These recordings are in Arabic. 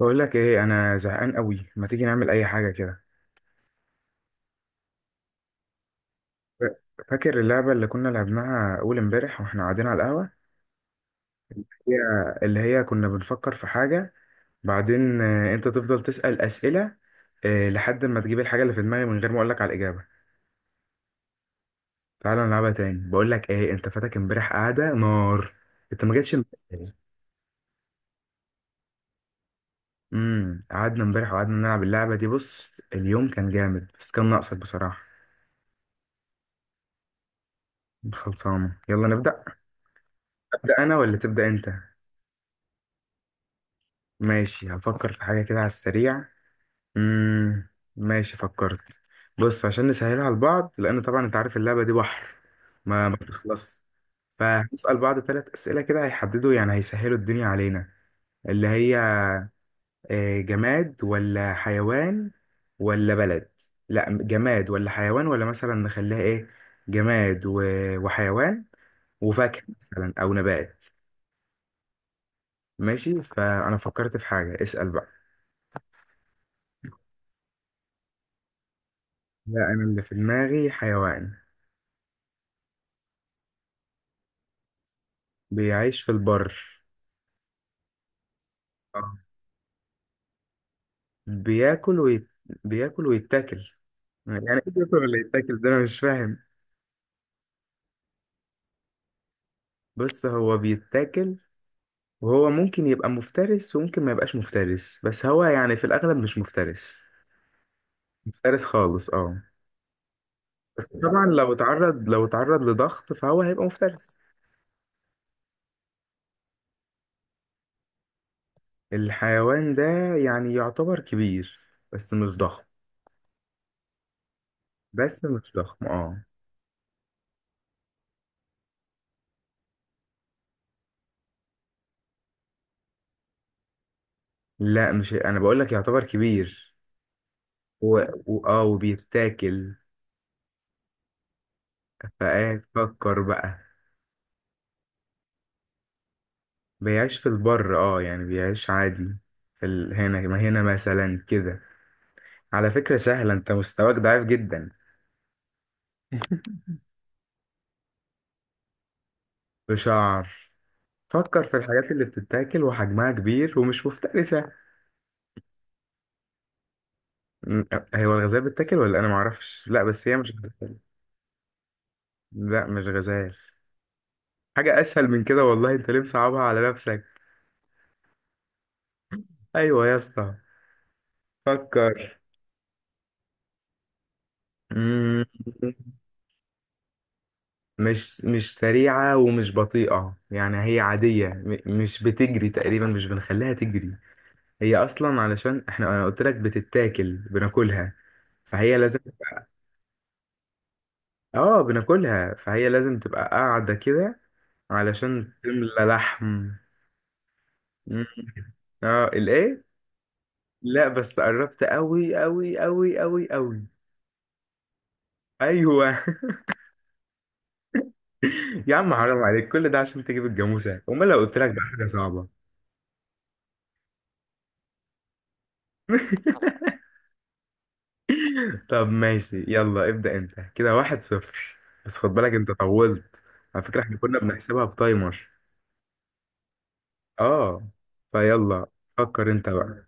بقول لك ايه، انا زهقان قوي، ما تيجي نعمل اي حاجه كده؟ ف- فاكر اللعبه اللي كنا لعبناها اول امبارح واحنا قاعدين على القهوه. هي اللي هي كنا بنفكر في حاجه، بعدين انت تفضل تسال اسئله لحد ما تجيب الحاجه اللي في دماغي من غير ما اقول لك على الاجابه. تعالى نلعبها تاني. بقول لك ايه، انت فاتك امبارح قعده نار. انت ما جيتش امبارح. قعدنا امبارح وقعدنا نلعب اللعبه دي. بص اليوم كان جامد بس كان ناقصك بصراحه. خلصانه، يلا نبدا. ابدا انا ولا تبدا انت؟ ماشي هفكر في حاجة كده على السريع. مم. ماشي فكرت. بص عشان نسهلها على بعض، لأن طبعا أنت عارف اللعبة دي بحر، ما بتخلص. فهنسأل بعض ثلاث أسئلة كده هيحددوا، يعني هيسهلوا الدنيا علينا. اللي هي جماد ولا حيوان ولا بلد؟ لا، جماد ولا حيوان ولا مثلا نخليها إيه، جماد وحيوان وفاكهة مثلا أو نبات. ماشي، فأنا فكرت في حاجة، اسأل بقى. لا أنا اللي في دماغي حيوان. بيعيش في البر. آه. بياكل ويت... بياكل ويتاكل. يعني ايه بياكل ولا يتاكل؟ ده انا مش فاهم. بص هو بيتاكل، وهو ممكن يبقى مفترس وممكن ما يبقاش مفترس، بس هو يعني في الاغلب مش مفترس. مفترس خالص، اه. بس طبعا لو اتعرض لضغط فهو هيبقى مفترس. الحيوان ده يعني يعتبر كبير بس مش ضخم. بس مش ضخم، اه. لا مش، انا بقول لك يعتبر كبير و... و... اه وبيتاكل. فقاعد فكر بقى. بيعيش في البر، اه يعني بيعيش عادي، هنا، ما هنا مثلا كده. على فكرة سهلة، انت مستواك ضعيف جدا. بشعر. فكر في الحاجات اللي بتتاكل وحجمها كبير ومش مفترسة. م- هو الغزال بتتاكل ولا انا معرفش؟ لا بس هي مش غزال. لا مش غزال. حاجة اسهل من كده والله، انت ليه مصعبها على نفسك؟ ايوه يا اسطى، فكر. مم. مش سريعة ومش بطيئة، يعني هي عادية، مش بتجري تقريبا، مش بنخليها تجري. هي أصلا علشان أنا قلت لك بتتاكل بناكلها، فهي لازم تبقى. اه بناكلها، فهي لازم تبقى قاعدة كده علشان تملى لحم. مم. اه الايه؟ لا بس قربت قوي قوي قوي قوي قوي. ايوه. يا عم حرام عليك، كل ده عشان تجيب الجاموسه؟ امال لو قلت لك بقى حاجه صعبه. طب ماشي، يلا ابدأ انت، كده 1-0. بس خد بالك انت طولت. على فكرة احنا كنا بنحسبها بتايمر. اه، فيلا. فكر انت بقى.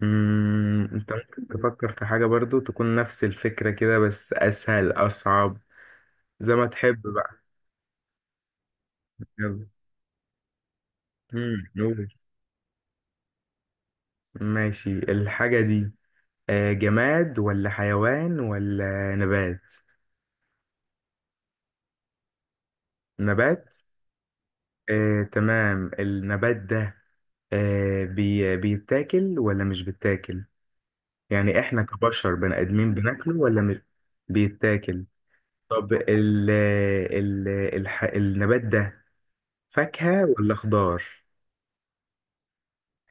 انت ممكن تفكر في حاجة برضو تكون نفس الفكرة كده، بس اسهل، اصعب، زي ما تحب بقى. يلا. قول. ماشي الحاجة دي جماد ولا حيوان ولا نبات؟ نبات. تمام. النبات ده آه بي بيتاكل ولا مش بيتاكل؟ يعني احنا كبشر بني ادمين بناكله ولا مش. بيتاكل. طب ال ال الح النبات ده فاكهة ولا خضار؟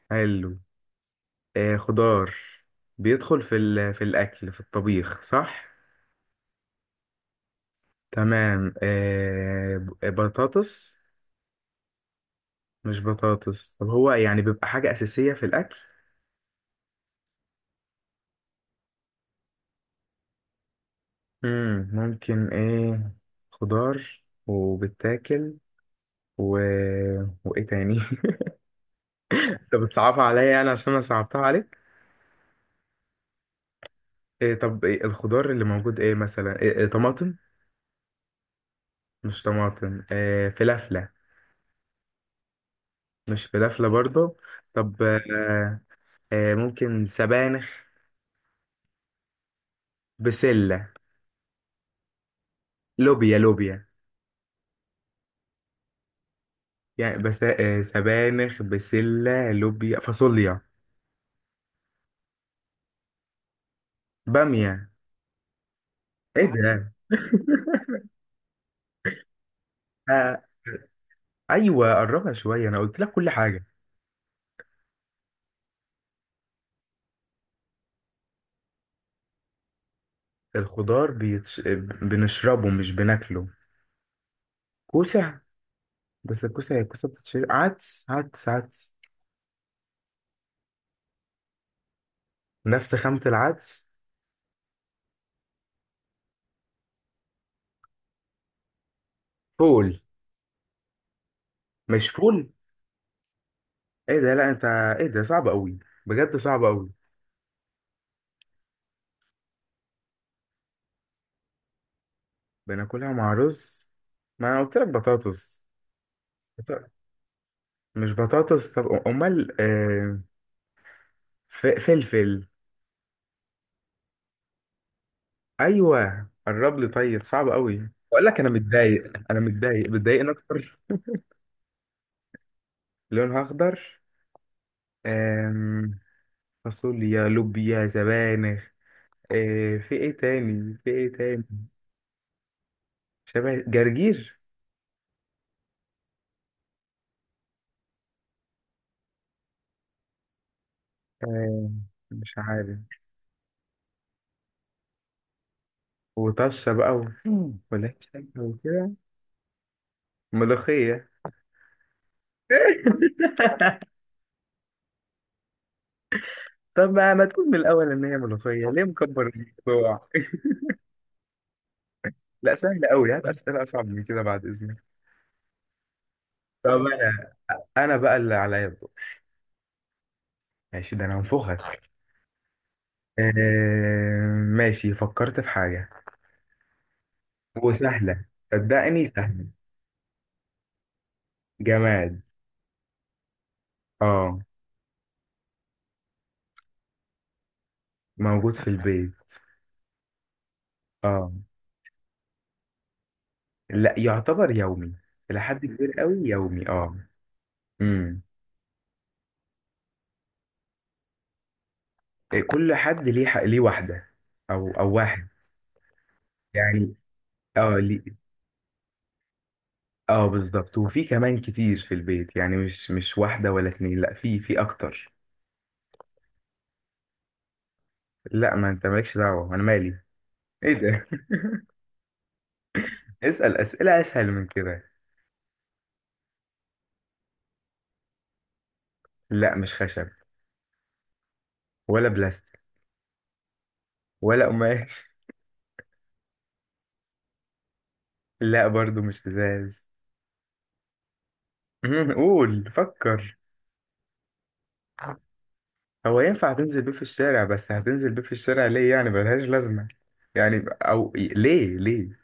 حلو. خضار. بيدخل في الاكل في الطبيخ، صح؟ تمام. بطاطس؟ مش بطاطس. طب هو يعني بيبقى حاجة أساسية في الأكل؟ ممكن إيه. خضار وبتاكل و... وايه تاني؟ طب بتصعبها عليا يعني عشان انا صعبتها عليك. إيه طب، إيه الخضار اللي موجود، ايه مثلا، إيه طماطم؟ مش طماطم. إيه فلافلة؟ مش فلافلة برضو. طب ممكن سبانخ، بسلة، لوبيا لوبيا. يعني بس سبانخ، بسلة، لوبيا، فاصوليا، بامية. ايه ده؟ آه، ايوه قربها شويه، انا قلت لك كل حاجه. الخضار بيتش... بنشربه مش بناكله. كوسه. بس الكوسة بتتشرب. عدس عدس عدس. نفس خامة العدس. فول. مش فول. ايه ده؟ لا انت، ايه ده صعب قوي، بجد صعب قوي. بناكلها مع رز. ما انا قلت لك بطاطس. بط- مش بطاطس. طب امال فلفل؟ ايوه قرب لي، طيب صعب قوي بقول لك، انا متضايق متضايقني اكتر. لونها اخضر. آم، فاصوليا، لوبيا، سبانخ. في ايه تاني، في ايه تاني؟ شبه جرجير. آه مش عارف. وطشة بقى ولهسة وكده. ملوخية. طب ما تقول من الأول إن هي ملوخية؟ ليه مكبر الموضوع. لا سهل أوي، هات أسئلة أصعب من كده بعد إذنك. طب أنا بقى اللي عليا الدور. ماشي ده أنا هنفخك. آه ماشي فكرت في حاجة، وسهلة، صدقني سهلة. جماد. اه. موجود في البيت. اه. لا يعتبر يومي إلى حد كبير قوي، يومي اه. امم إيه، كل حد ليه، ليه واحدة أو واحد. يعني اه ليه. اه بالظبط، وفي كمان كتير في البيت، يعني مش واحدة ولا اتنين، لا في أكتر. لا ما أنت مالكش دعوة أنا مالي. إيه ده؟ اسأل أسئلة أسهل من كده. لا مش خشب. ولا بلاستيك. ولا قماش. لا برضو مش إزاز. قول فكر. هو ينفع تنزل بيه في الشارع، بس هتنزل بيه في الشارع ليه؟ يعني ملهاش لازمة، يعني أو ليه ليه.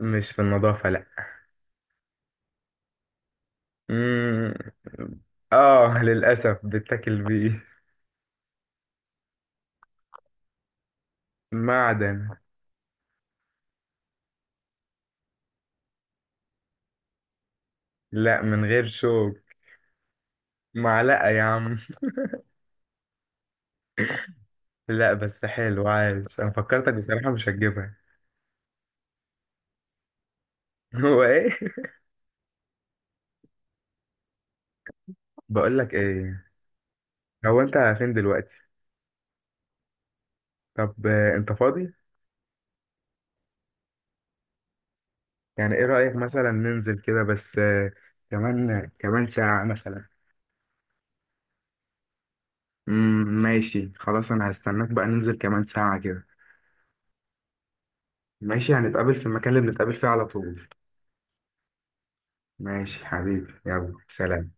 مش في النظافة، لأ. مم. للأسف بتاكل بيه. معدن. لأ من غير شوك. معلقة يا عم. لأ بس حلو عايش، أنا فكرتك بصراحة مش هتجيبها. هو إيه؟ بقولك إيه، هو أنت فين دلوقتي؟ طب أنت فاضي؟ يعني إيه رأيك مثلا ننزل كده بس كمان ساعة مثلا. ماشي خلاص، انا هستناك بقى ننزل كمان ساعة كده. ماشي هنتقابل في المكان اللي بنتقابل فيه على طول. ماشي حبيبي، يلا سلام.